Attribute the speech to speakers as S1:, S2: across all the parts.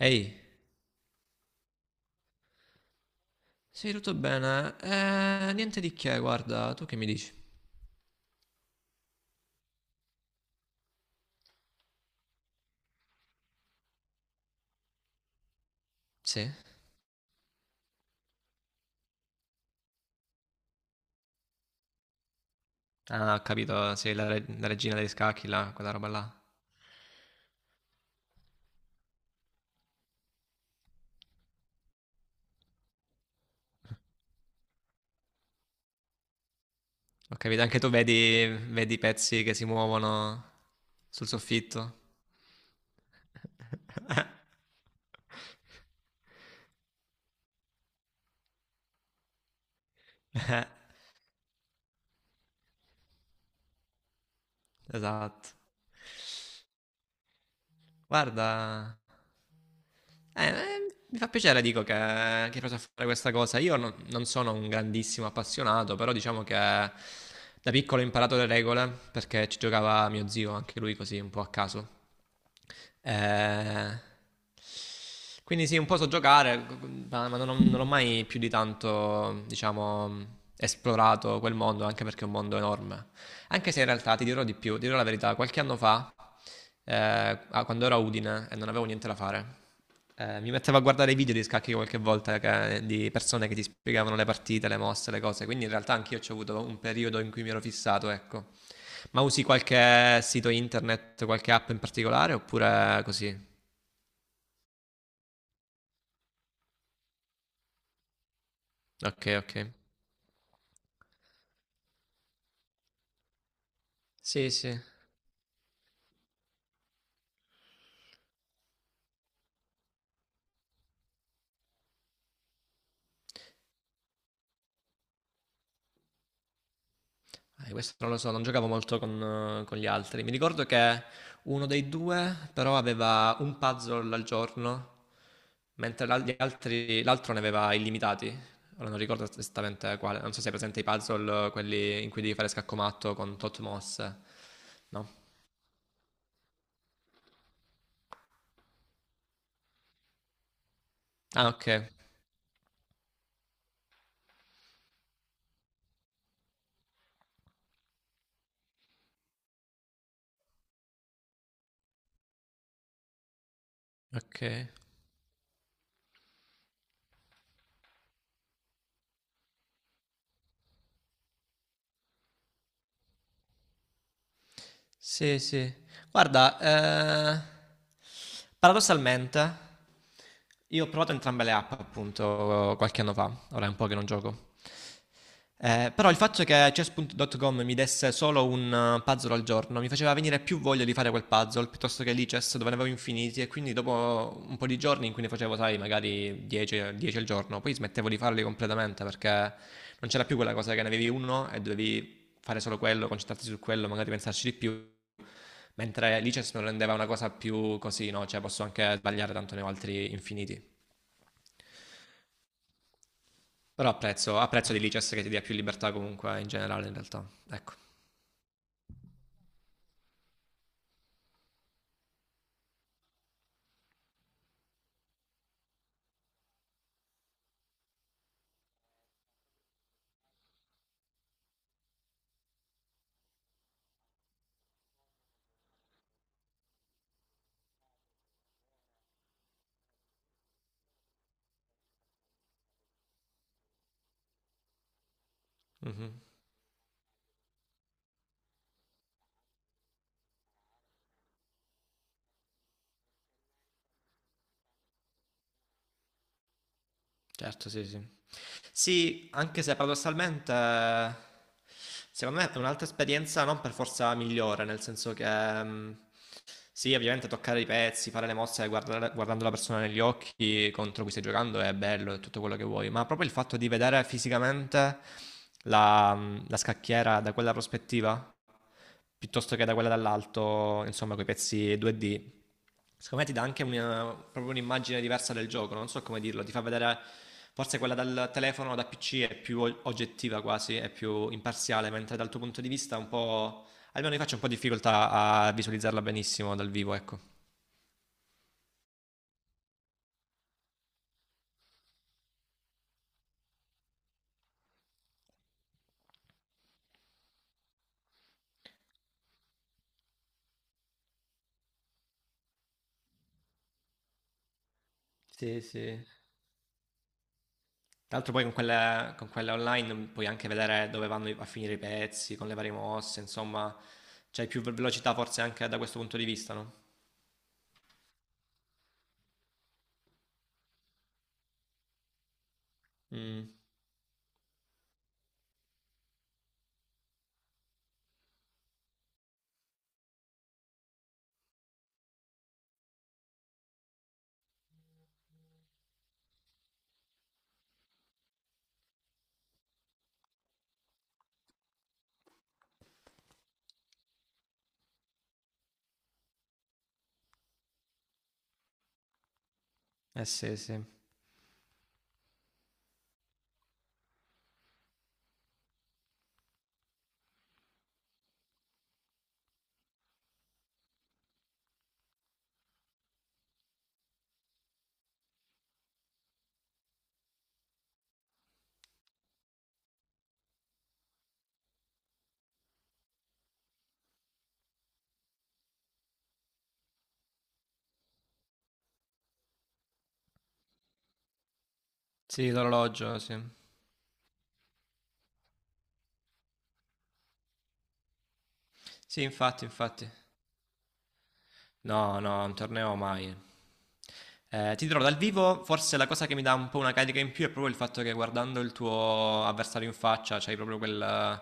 S1: Ehi, sì, tutto bene. Niente di che, guarda, tu che mi dici? Sì? Ah, ho capito, sì, la regina degli scacchi, là, quella roba là. Ho capito, anche tu vedi i pezzi che si muovono sul soffitto. Esatto. Guarda, Eh, eh, mi fa piacere, dico, che hai preso a fare questa cosa. Io non sono un grandissimo appassionato, però diciamo che da piccolo ho imparato le regole perché ci giocava mio zio, anche lui così, un po' a caso. Eh, quindi sì, un po' so giocare, non ho mai più di tanto, diciamo, esplorato quel mondo, anche perché è un mondo enorme. Anche se in realtà ti dirò di più, ti dirò la verità, qualche anno fa, quando ero a Udine e non avevo niente da fare. Mi mettevo a guardare i video di scacchi qualche volta di persone che ti spiegavano le partite, le mosse, le cose. Quindi in realtà anch'io ho avuto un periodo in cui mi ero fissato, ecco. Ma usi qualche sito internet, qualche app in particolare oppure così? Ok, ok. Sì, sì. Questo non lo so, non giocavo molto con gli altri. Mi ricordo che uno dei due però aveva un puzzle al giorno, mentre l'altro ne aveva illimitati. Ora non ricordo esattamente quale, non so se hai presente i puzzle, quelli in cui devi fare scaccomatto con tot mosse. No? Ah, ok, ok. Sì, sì. Guarda, paradossalmente, io ho provato entrambe le app appunto qualche anno fa, ora è un po' che non gioco. Però il fatto che chess.com mi desse solo un puzzle al giorno mi faceva venire più voglia di fare quel puzzle piuttosto che lì chess, dove ne avevo infiniti, e quindi dopo un po' di giorni in cui ne facevo, sai, magari 10 al giorno, poi smettevo di farli completamente perché non c'era più quella cosa che ne avevi uno e dovevi fare solo quello, concentrarsi su quello, magari pensarci di più. Mentre License non rendeva una cosa più così, no? Cioè, posso anche sbagliare, tanto ne ho altri infiniti. Però apprezzo di License che ti dia più libertà comunque in generale in realtà. Ecco. Mhm. Certo, sì, sì. Sì, anche se paradossalmente, secondo me è un'altra esperienza non per forza migliore, nel senso che ehm, sì, ovviamente toccare i pezzi, fare le mosse, guardando la persona negli occhi contro cui stai giocando è bello, è tutto quello che vuoi, ma proprio il fatto di vedere fisicamente la scacchiera da quella prospettiva piuttosto che da quella dall'alto, insomma, con i pezzi 2D. Secondo me ti dà anche proprio un'immagine diversa del gioco, non so come dirlo, ti fa vedere, forse quella dal telefono o da PC è più oggettiva quasi, è più imparziale, mentre dal tuo punto di vista è un po', almeno io faccio un po' difficoltà a visualizzarla benissimo dal vivo, ecco. Sì, sì. Tra l'altro poi con quelle online puoi anche vedere dove vanno a finire i pezzi, con le varie mosse, insomma, c'hai più velocità forse anche da questo punto di vista, no? Mm. Eh sì, sì. Sì, l'orologio, sì. Sì, infatti, infatti. No, no, un torneo mai. Ti dirò, dal vivo forse la cosa che mi dà un po' una carica in più è proprio il fatto che guardando il tuo avversario in faccia c'hai proprio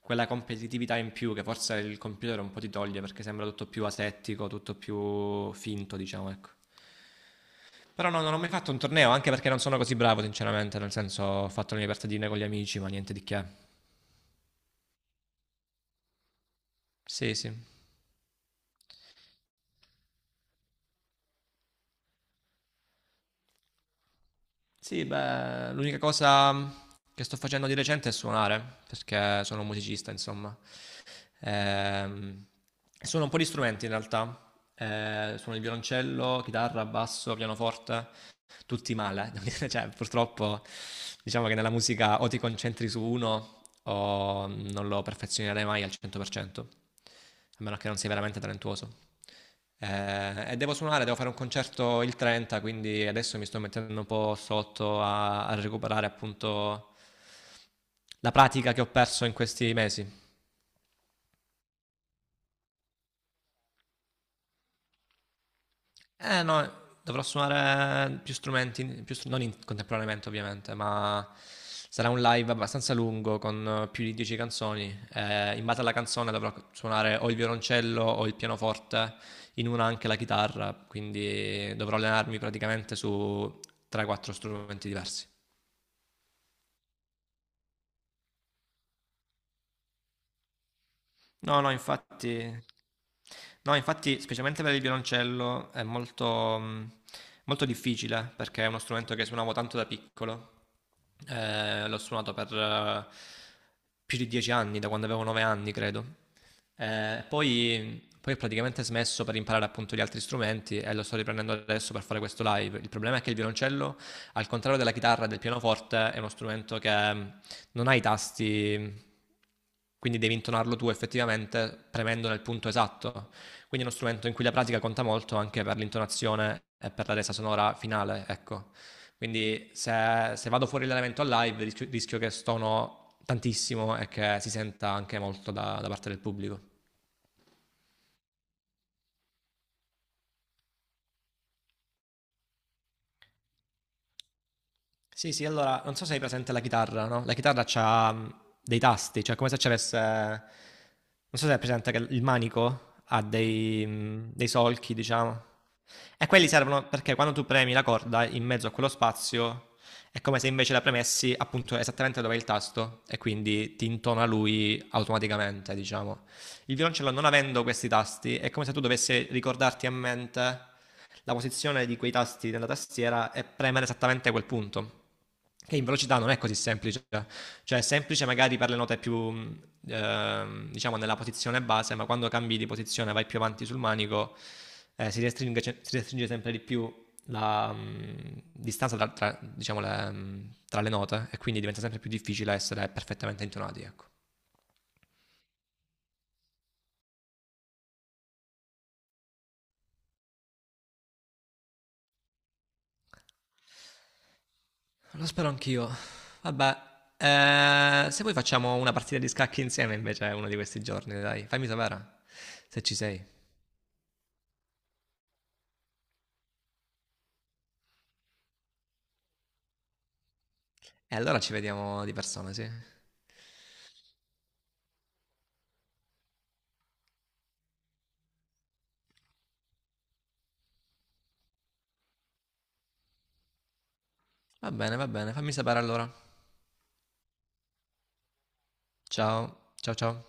S1: quella competitività in più, che forse il computer un po' ti toglie perché sembra tutto più asettico, tutto più finto, diciamo, ecco. Però no, non ho mai fatto un torneo, anche perché non sono così bravo, sinceramente, nel senso ho fatto le mie partitine con gli amici, ma niente di che. Sì, sì. Sì, beh, l'unica cosa che sto facendo di recente è suonare, perché sono un musicista, insomma. Ehm, suono un po' di strumenti in realtà. Suono il violoncello, chitarra, basso, pianoforte. Tutti male, eh. Cioè, purtroppo diciamo che nella musica o ti concentri su uno o non lo perfezionerai mai al 100%, a meno che non sei veramente talentuoso. E devo suonare, devo fare un concerto il 30, quindi adesso mi sto mettendo un po' sotto a recuperare appunto la pratica che ho perso in questi mesi. Eh no, dovrò suonare più strumenti, più str- non in- contemporaneamente ovviamente, ma sarà un live abbastanza lungo con più di 10 canzoni. In base alla canzone dovrò suonare o il violoncello o il pianoforte, in una anche la chitarra, quindi dovrò allenarmi praticamente su 3-4 strumenti diversi. No, no, infatti, no, infatti, specialmente per il violoncello è molto difficile, perché è uno strumento che suonavo tanto da piccolo. L'ho suonato per più di 10 anni, da quando avevo 9 anni, credo. Poi ho praticamente smesso per imparare appunto gli altri strumenti e lo sto riprendendo adesso per fare questo live. Il problema è che il violoncello, al contrario della chitarra e del pianoforte, è uno strumento che non hai i tasti, quindi devi intonarlo tu effettivamente premendo nel punto esatto. Quindi è uno strumento in cui la pratica conta molto, anche per l'intonazione e per la resa sonora finale, ecco. Quindi se vado fuori l'elemento a live rischio, che stono tantissimo e che si senta anche molto da parte del pubblico. Sì, sì, allora, non so se hai presente la chitarra, no? La chitarra c'ha dei tasti, cioè come se ci avesse. Non so se hai presente che il manico ha dei solchi, diciamo. E quelli servono perché quando tu premi la corda in mezzo a quello spazio è come se invece la premessi appunto esattamente dove è il tasto, e quindi ti intona lui automaticamente, diciamo. Il violoncello, non avendo questi tasti, è come se tu dovessi ricordarti a mente la posizione di quei tasti della tastiera e premere esattamente quel punto. Che in velocità non è così semplice, cioè è semplice magari per le note più, diciamo, nella posizione base, ma quando cambi di posizione vai più avanti sul manico, si restringe sempre di più la distanza tra, diciamo, tra le note, e quindi diventa sempre più difficile essere perfettamente intonati. Ecco. Lo spero anch'io. Vabbè, se vuoi facciamo una partita di scacchi insieme invece, uno di questi giorni, dai. Fammi sapere se ci sei. E allora ci vediamo di persona, sì. Va bene, fammi sapere allora. Ciao, ciao ciao.